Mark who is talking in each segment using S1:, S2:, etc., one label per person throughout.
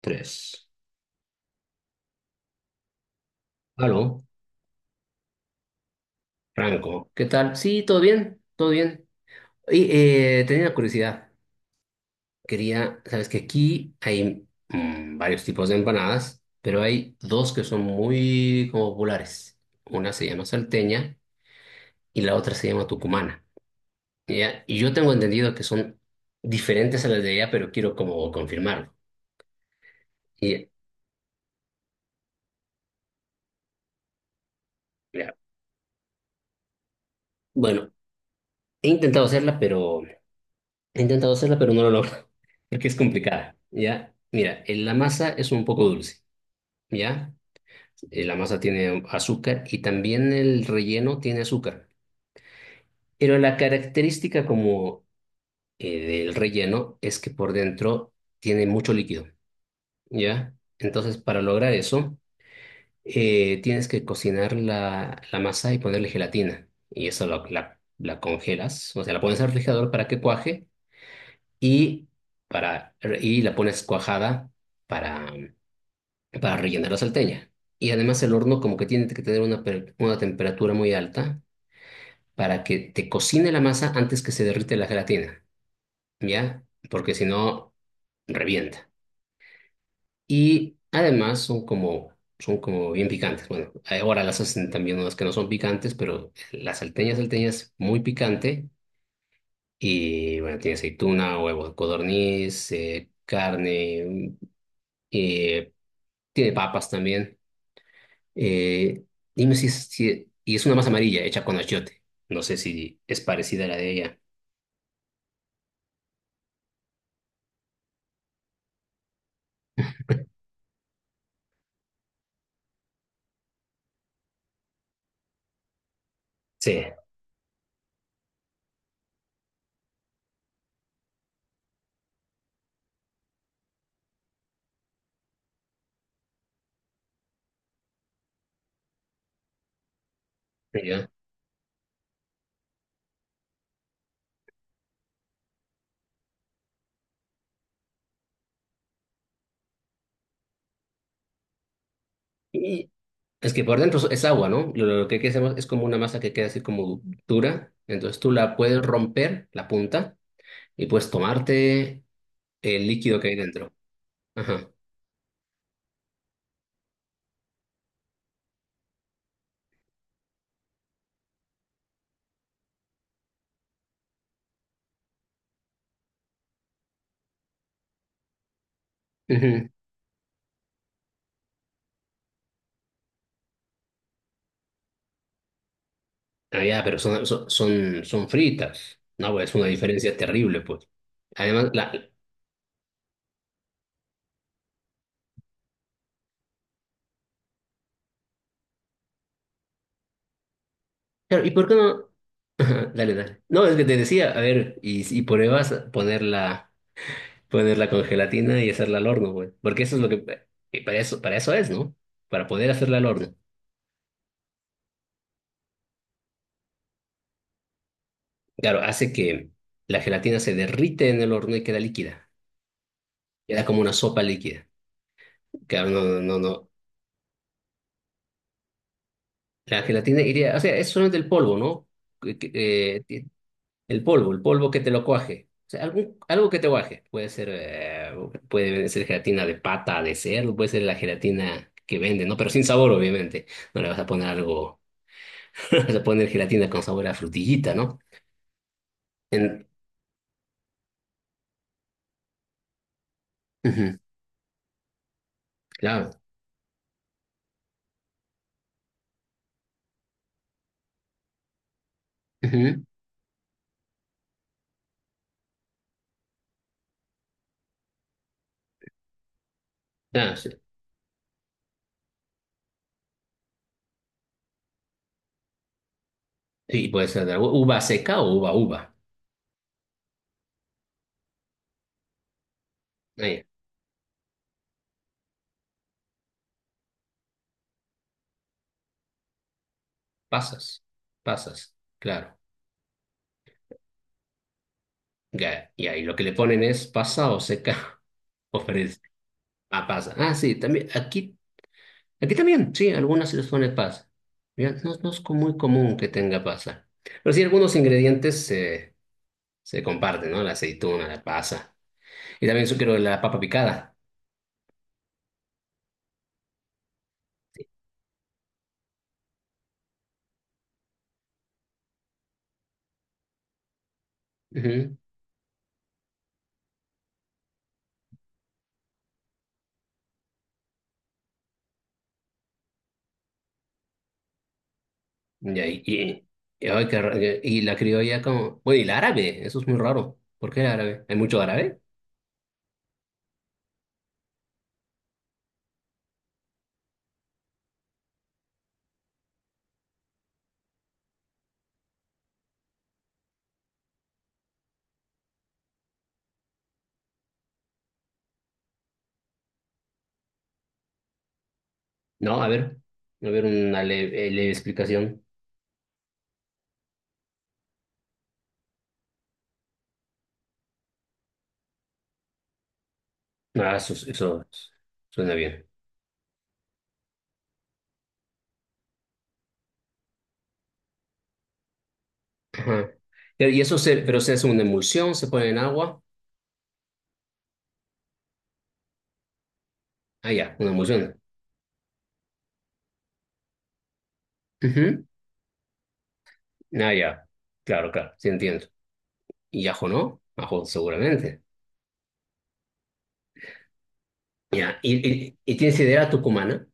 S1: Tres. Aló, Franco, ¿qué tal? Sí, todo bien, todo bien. Y tenía una curiosidad. Quería, sabes que aquí hay varios tipos de empanadas, pero hay dos que son muy como populares. Una se llama salteña y la otra se llama tucumana. ¿Ya? Y yo tengo entendido que son diferentes a las de allá, pero quiero como confirmarlo. Y, ya, bueno, he intentado hacerla, pero he intentado hacerla, pero no lo logro, porque es complicada, ¿ya? Mira, la masa es un poco dulce, ¿ya? La masa tiene azúcar y también el relleno tiene azúcar. Pero la característica como del relleno es que por dentro tiene mucho líquido, ¿ya? Entonces, para lograr eso, tienes que cocinar la masa y ponerle gelatina. Y eso la congelas, o sea, la pones al refrigerador para que cuaje y, para, y la pones cuajada para, para rellenar la salteña. Y además el horno como que tiene que tener una temperatura muy alta para que te cocine la masa antes que se derrite la gelatina, ¿ya? Porque si no, revienta. Y además son como, bien picantes. Bueno, ahora las hacen también unas que no son picantes, pero la salteña salteña es muy picante. Y bueno, tiene aceituna, huevo de codorniz, carne. eh, Tiene papas también. Eh, Dime si, si. Y es una masa amarilla hecha con achiote. No sé si es parecida a la de ella. Sí. Ya. Y es que por dentro es agua, ¿no? Lo que hay que hacer es como una masa que queda así como dura. Entonces tú la puedes romper, la punta, y puedes tomarte el líquido que hay dentro. Ajá. Ujú. Ah, ya, pero son fritas. No, pues es una diferencia terrible, pues. Además, la. Claro, ¿y por qué no? Ajá, dale, dale. No, es que te decía, a ver, y si pruebas ponerla con gelatina y hacerla al horno, güey. Porque eso es lo que, para eso es, ¿no? Para poder hacerla al horno. Claro, hace que la gelatina se derrite en el horno y queda líquida. Queda como una sopa líquida. Claro, no, no, no, no. La gelatina iría, o sea, es solamente el polvo, ¿no? Que- que, Eh, el polvo que te lo cuaje. O sea, algo que te cuaje. Puede ser gelatina de pata, de cerdo, puede ser la gelatina que venden, ¿no? Pero sin sabor, obviamente. No le vas a poner algo, no le vas a poner gelatina con sabor a frutillita, ¿no? En- Ujú, claro. Ujú. Ah, sí. Sí, puede ser de uva seca o uva uva. Ahí, pasas, pasas, claro. Ya, y ahí lo que le ponen es pasa o seca o fresca. Ah, pasa. Ah, sí, también aquí. Aquí también, sí, algunas situaciones pasa. Ya, no, no es muy común que tenga pasa. Pero sí, algunos ingredientes se comparten, ¿no? La aceituna, la pasa. Y también yo quiero la papa picada. Ujú. Ya. Ay, y la criolla como. Bueno, y la árabe, eso es muy raro. ¿Por qué el árabe? ¿Hay mucho árabe? No, a ver. A ver, una leve explicación. Ah, eso suena bien. Ajá. Pero se hace una emulsión, se pone en agua. Ah, ya, una emulsión. Ujú. Ah, ya. Claro, claro, sí entiendo. Y ajo no, ajo seguramente. Ya, y tienes sidera tucumana.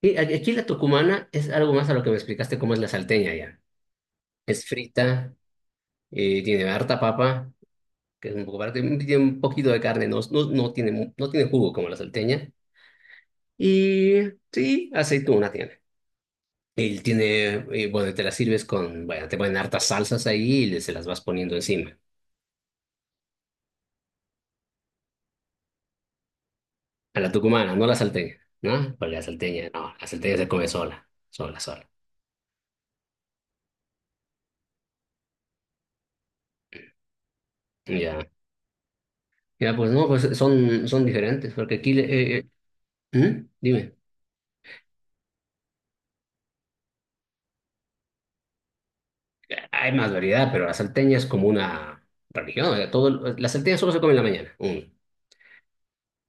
S1: Y aquí la tucumana es algo más a lo que me explicaste cómo es la salteña ya. Es frita, tiene harta papa, que es un poco parte, tiene un poquito de carne, no, no, no tiene jugo como la salteña. Y sí, aceituna tiene. Y tiene, bueno, te la sirves con, bueno, te ponen hartas salsas ahí y se las vas poniendo encima. A la tucumana, no a la salteña, ¿no? Porque la salteña, no, la salteña se come sola, sola, sola. Ya. Ya, pues no, pues son diferentes, porque aquí. ¿Mm? Dime. Hay más variedad, pero la salteña es como una religión, o sea, todo, la salteña solo se come en la mañana. Uno.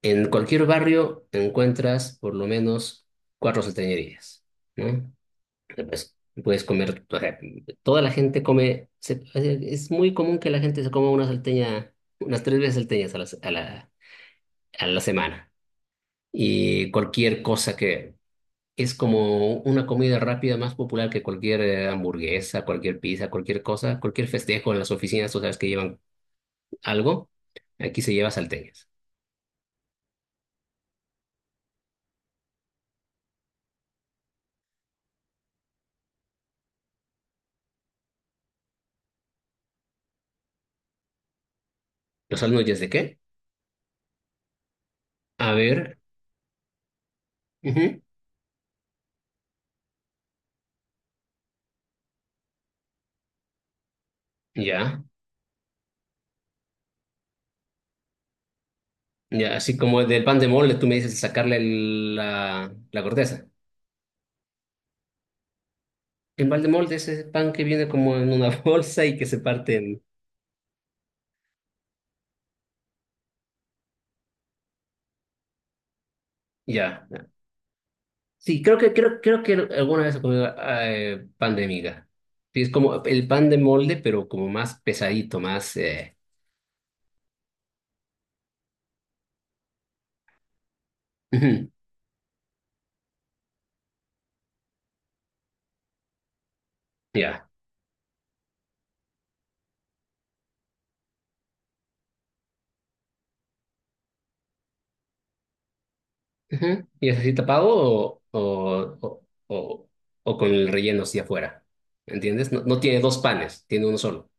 S1: En cualquier barrio encuentras por lo menos cuatro salteñerías, ¿no? Pues, puedes comer, o sea, toda la gente come, es muy común que la gente se coma una salteña, unas tres veces salteñas a la semana. Y cualquier cosa que es como una comida rápida más popular que cualquier hamburguesa, cualquier pizza, cualquier cosa, cualquier festejo en las oficinas, tú sabes que llevan algo, aquí se lleva salteñas. ¿Los sándwiches de qué? A ver, ujú, ya, ya, así como del pan de molde, tú me dices sacarle la corteza. El pan de molde es ese pan que viene como en una bolsa y que se parte en. Ya. Sí, creo que alguna vez he comido pan de miga. Sí, es como el pan de molde, pero como más pesadito, más. Ujú. Ya. Ujú. ¿Y es así tapado o, o con el relleno hacia afuera? ¿Entiendes? No, no tiene dos panes, tiene uno solo.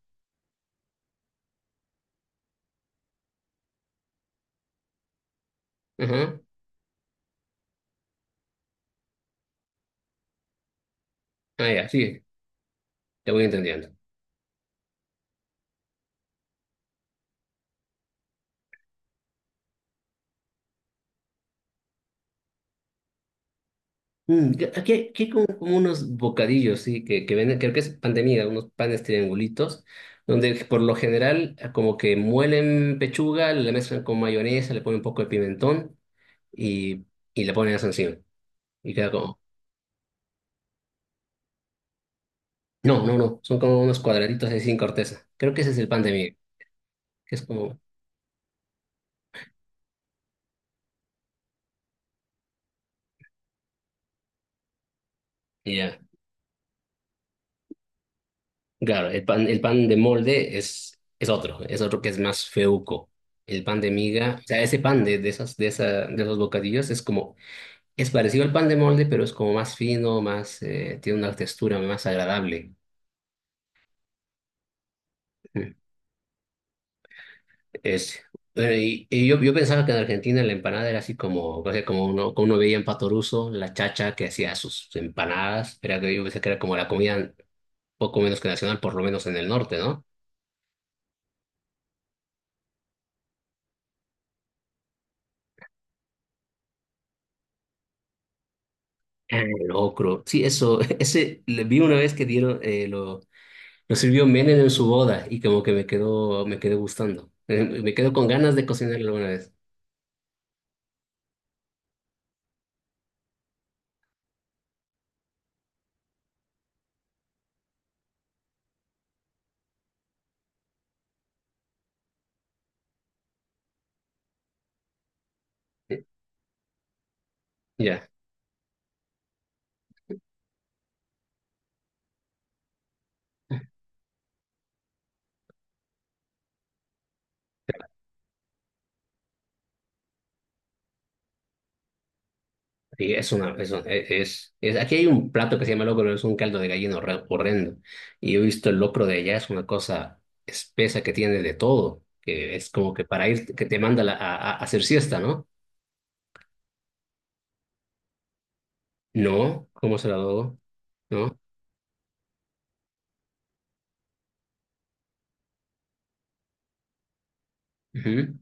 S1: Ajá. Ah, ya, sí, te voy entendiendo. Aquí hay como unos bocadillos, sí, que venden, creo que es pandemia unos panes triangulitos, donde por lo general como que muelen pechuga, la mezclan con mayonesa, le ponen un poco de pimentón y, y le ponen eso encima. Y queda como. No, no, no, son como unos cuadraditos así sin corteza. Creo que ese es el pan de miga, que es como. Y ya, claro, el pan de molde es otro que es más feuco. El pan de miga, o sea, ese pan de esas, de esa, de esos bocadillos es como. Es parecido al pan de molde, pero es como más fino, más, tiene una textura más agradable. Es, eh, y yo pensaba que en Argentina la empanada era así como, o sea, como uno veía en Pato Russo, la chacha que hacía sus empanadas, era que yo pensé que era como la comida poco menos que nacional, por lo menos en el norte, ¿no? Ah, el locro. Sí, eso, ese le vi una vez que dieron, lo sirvió Menem en su boda y como que me quedó gustando. Me quedó con ganas de cocinarlo una vez. Eh, Ya. Sí, es una, es, un- e, es- aquí hay un plato que se llama locro, pero es un caldo de gallina horrendo. Y he visto el locro de allá, es una cosa espesa que tiene de todo, que es como que para ir, que te manda a hacer siesta, ¿no? No, ¿cómo se la doy? ¿No? Ujú.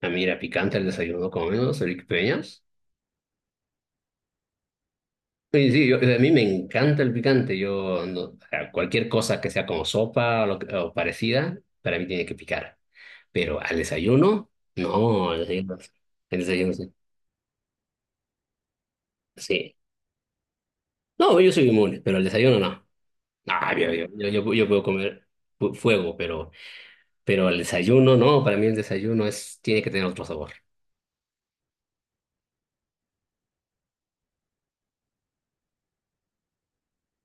S1: Ah, mira, picante el desayuno, con menos, Eric Peñas. Sí, sí, a mí me encanta el picante. Yo, o sea, cualquier cosa que sea como sopa o parecida, para mí tiene que picar. Pero al desayuno, no, al desayuno, el desayuno sí. Sí. No, yo soy inmune, pero al desayuno no. Ah, yo puedo comer fuego, pero al desayuno no, para mí el desayuno tiene que tener otro sabor.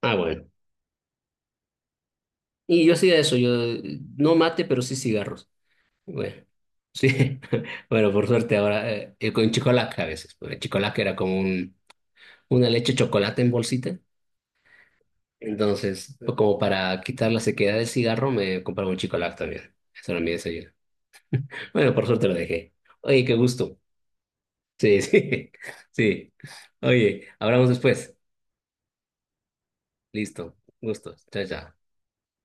S1: Ah, bueno. Y yo hacía eso, yo no mate, pero sí cigarros. Bueno, sí, bueno, por suerte ahora, con chicolac a veces, porque el chicolac era como una leche chocolate en bolsita, entonces, sí, como para quitar la sequedad del cigarro, me compraba un chicolac también, eso era mi desayuno. Bueno, por suerte lo dejé. Oye, qué gusto. Sí, sí, sí. Oye, hablamos después. Listo, gustos. Chao, chao.